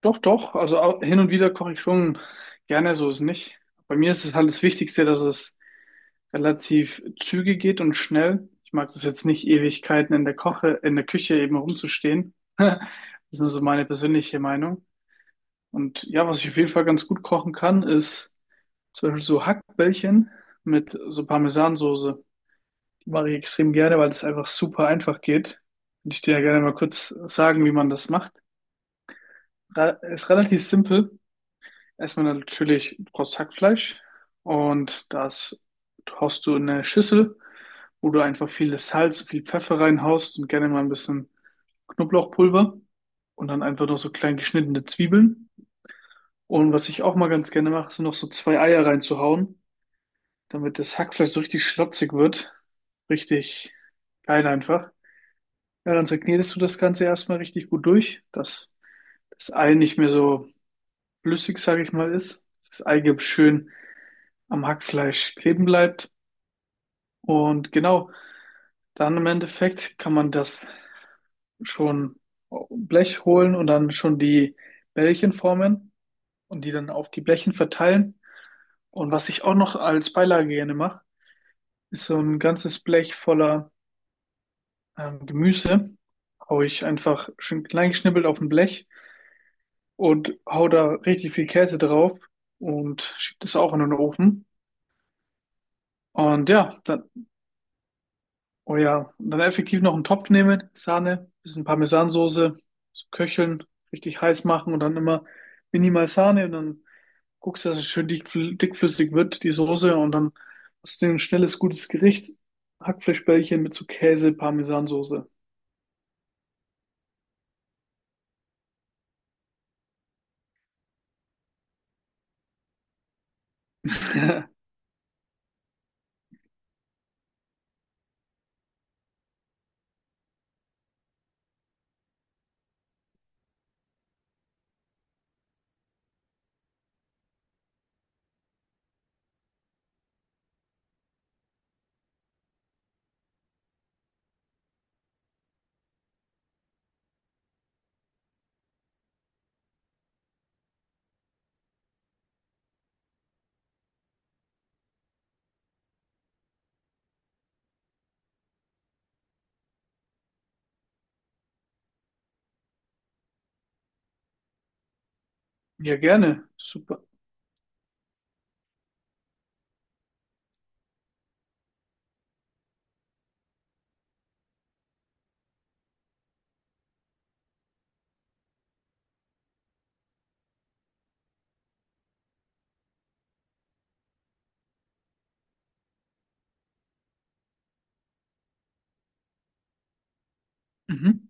Doch, doch. Also hin und wieder koche ich schon gerne, so ist nicht. Bei mir ist es halt das Wichtigste, dass es relativ zügig geht und schnell. Ich mag das jetzt nicht, Ewigkeiten in der Küche eben rumzustehen. Das ist nur so meine persönliche Meinung. Und ja, was ich auf jeden Fall ganz gut kochen kann, ist zum Beispiel so Hackbällchen mit so Parmesansoße. Die mache ich extrem gerne, weil das einfach super einfach geht. Und ich dir ja gerne mal kurz sagen, wie man das macht. Ist relativ simpel. Erstmal natürlich, du brauchst Hackfleisch und das haust du in eine Schüssel, wo du einfach viel Salz, viel Pfeffer reinhaust und gerne mal ein bisschen Knoblauchpulver und dann einfach noch so klein geschnittene Zwiebeln. Und was ich auch mal ganz gerne mache, sind noch so zwei Eier reinzuhauen, damit das Hackfleisch so richtig schlotzig wird. Richtig geil einfach. Ja, dann segnetest du das Ganze erstmal richtig gut durch, dass das Ei nicht mehr so flüssig, sage ich mal, ist. Dass das Eigelb schön am Hackfleisch kleben bleibt. Und genau, dann im Endeffekt kann man das schon auf ein Blech holen und dann schon die Bällchen formen und die dann auf die Blechen verteilen. Und was ich auch noch als Beilage gerne mache, ist so ein ganzes Blech voller Gemüse. Hau ich einfach schön klein geschnippelt auf ein Blech und hau da richtig viel Käse drauf und schieb das auch in den Ofen. Und ja, dann Oh ja, und dann effektiv noch einen Topf nehmen, Sahne, bisschen Parmesansoße zu köcheln, richtig heiß machen und dann immer minimal Sahne und dann guckst du, dass es schön dickflüssig wird, die Soße, und dann hast du ein schnelles, gutes Gericht. Hackfleischbällchen mit so Käse, Parmesansoße. Ja, gerne. Super. Mhm.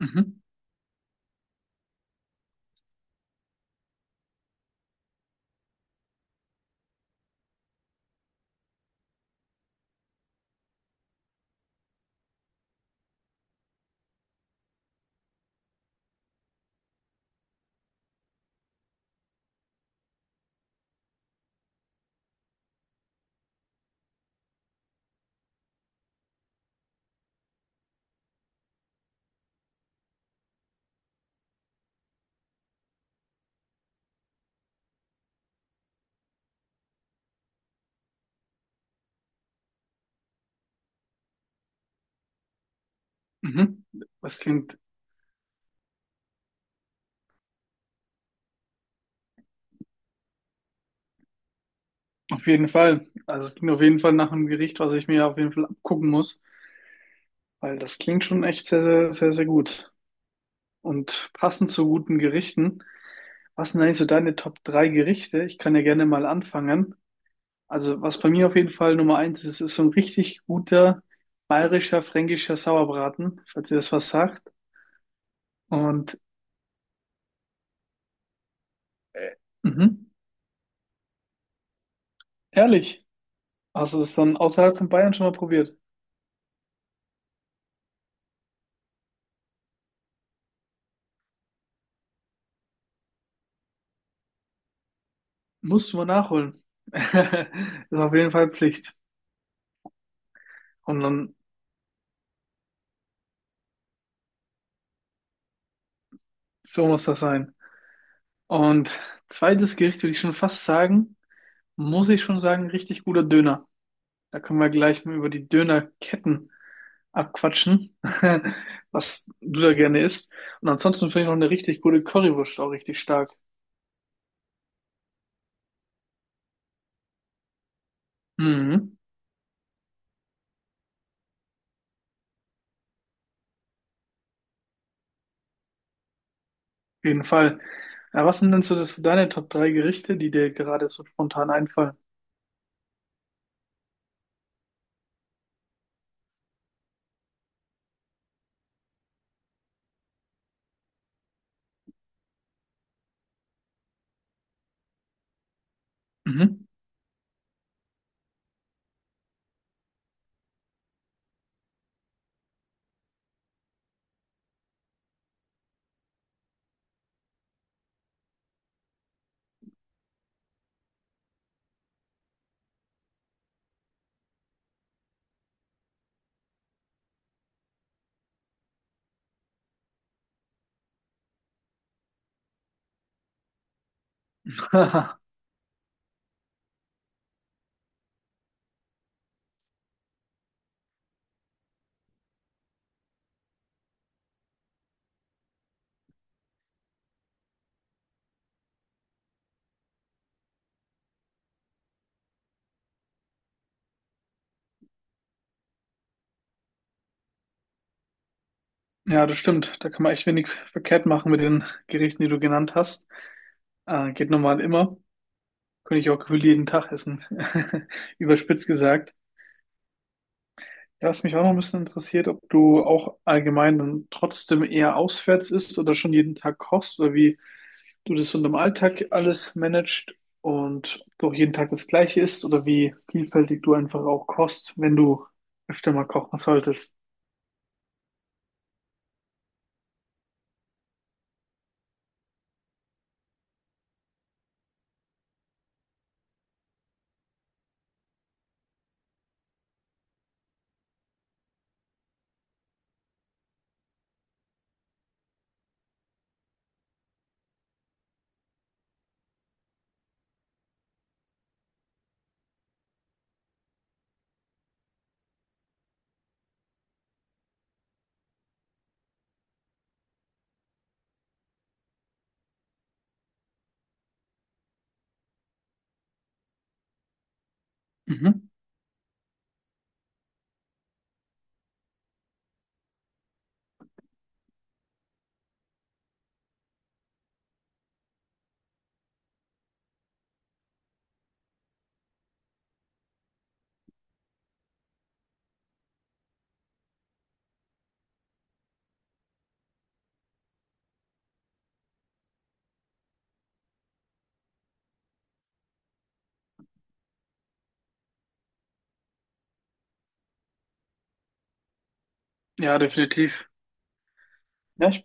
Mhm. Mhm. Das klingt auf jeden Fall, also es klingt auf jeden Fall nach einem Gericht, was ich mir auf jeden Fall abgucken muss, weil das klingt schon echt sehr, sehr, sehr, sehr gut. Und passend zu guten Gerichten, was sind eigentlich so deine Top 3 Gerichte? Ich kann ja gerne mal anfangen. Also, was bei mir auf jeden Fall Nummer eins ist, ist so ein richtig guter bayerischer, fränkischer Sauerbraten, falls ihr das was sagt. Und mhm, ehrlich, hast du das dann außerhalb von Bayern schon mal probiert? Musst du mal nachholen. Ist auf jeden Fall Pflicht. Und dann, so muss das sein. Und zweites Gericht würde ich schon fast sagen, muss ich schon sagen, richtig guter Döner. Da können wir gleich mal über die Dönerketten abquatschen, was du da gerne isst. Und ansonsten finde ich noch eine richtig gute Currywurst auch richtig stark. Mhm, auf jeden Fall. Ja, was sind denn so das, deine Top 3 Gerichte, die dir gerade so spontan einfallen? Mhm. Ja, das stimmt. Da kann man echt wenig verkehrt machen mit den Gerichten, die du genannt hast. Geht normal immer. Könnte ich auch gefühlt jeden Tag essen. Überspitzt gesagt. Ja, was mich auch noch ein bisschen interessiert, ob du auch allgemein dann trotzdem eher auswärts isst oder schon jeden Tag kochst oder wie du das so in deinem Alltag alles managst und ob du auch jeden Tag das Gleiche isst oder wie vielfältig du einfach auch kochst, wenn du öfter mal kochen solltest. Mhm. Ja, definitiv. Ja, ich,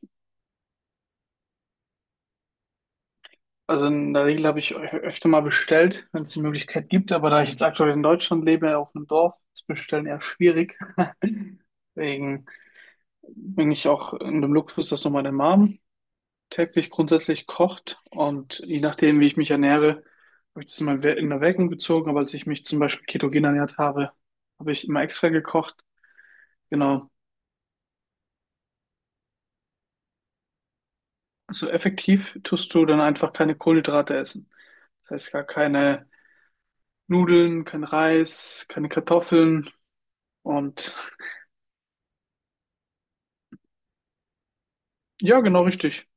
also in der Regel habe ich öfter mal bestellt, wenn es die Möglichkeit gibt, aber da ich jetzt aktuell in Deutschland lebe, auf einem Dorf, ist Bestellen eher schwierig. Deswegen bin ich auch in dem Luxus, dass noch meine Mom täglich grundsätzlich kocht, und je nachdem, wie ich mich ernähre, habe ich das immer in Erwägung gezogen, aber als ich mich zum Beispiel ketogen ernährt habe, habe ich immer extra gekocht. Genau. Also effektiv tust du dann einfach keine Kohlenhydrate essen. Das heißt, gar keine Nudeln, kein Reis, keine Kartoffeln und ja, genau richtig.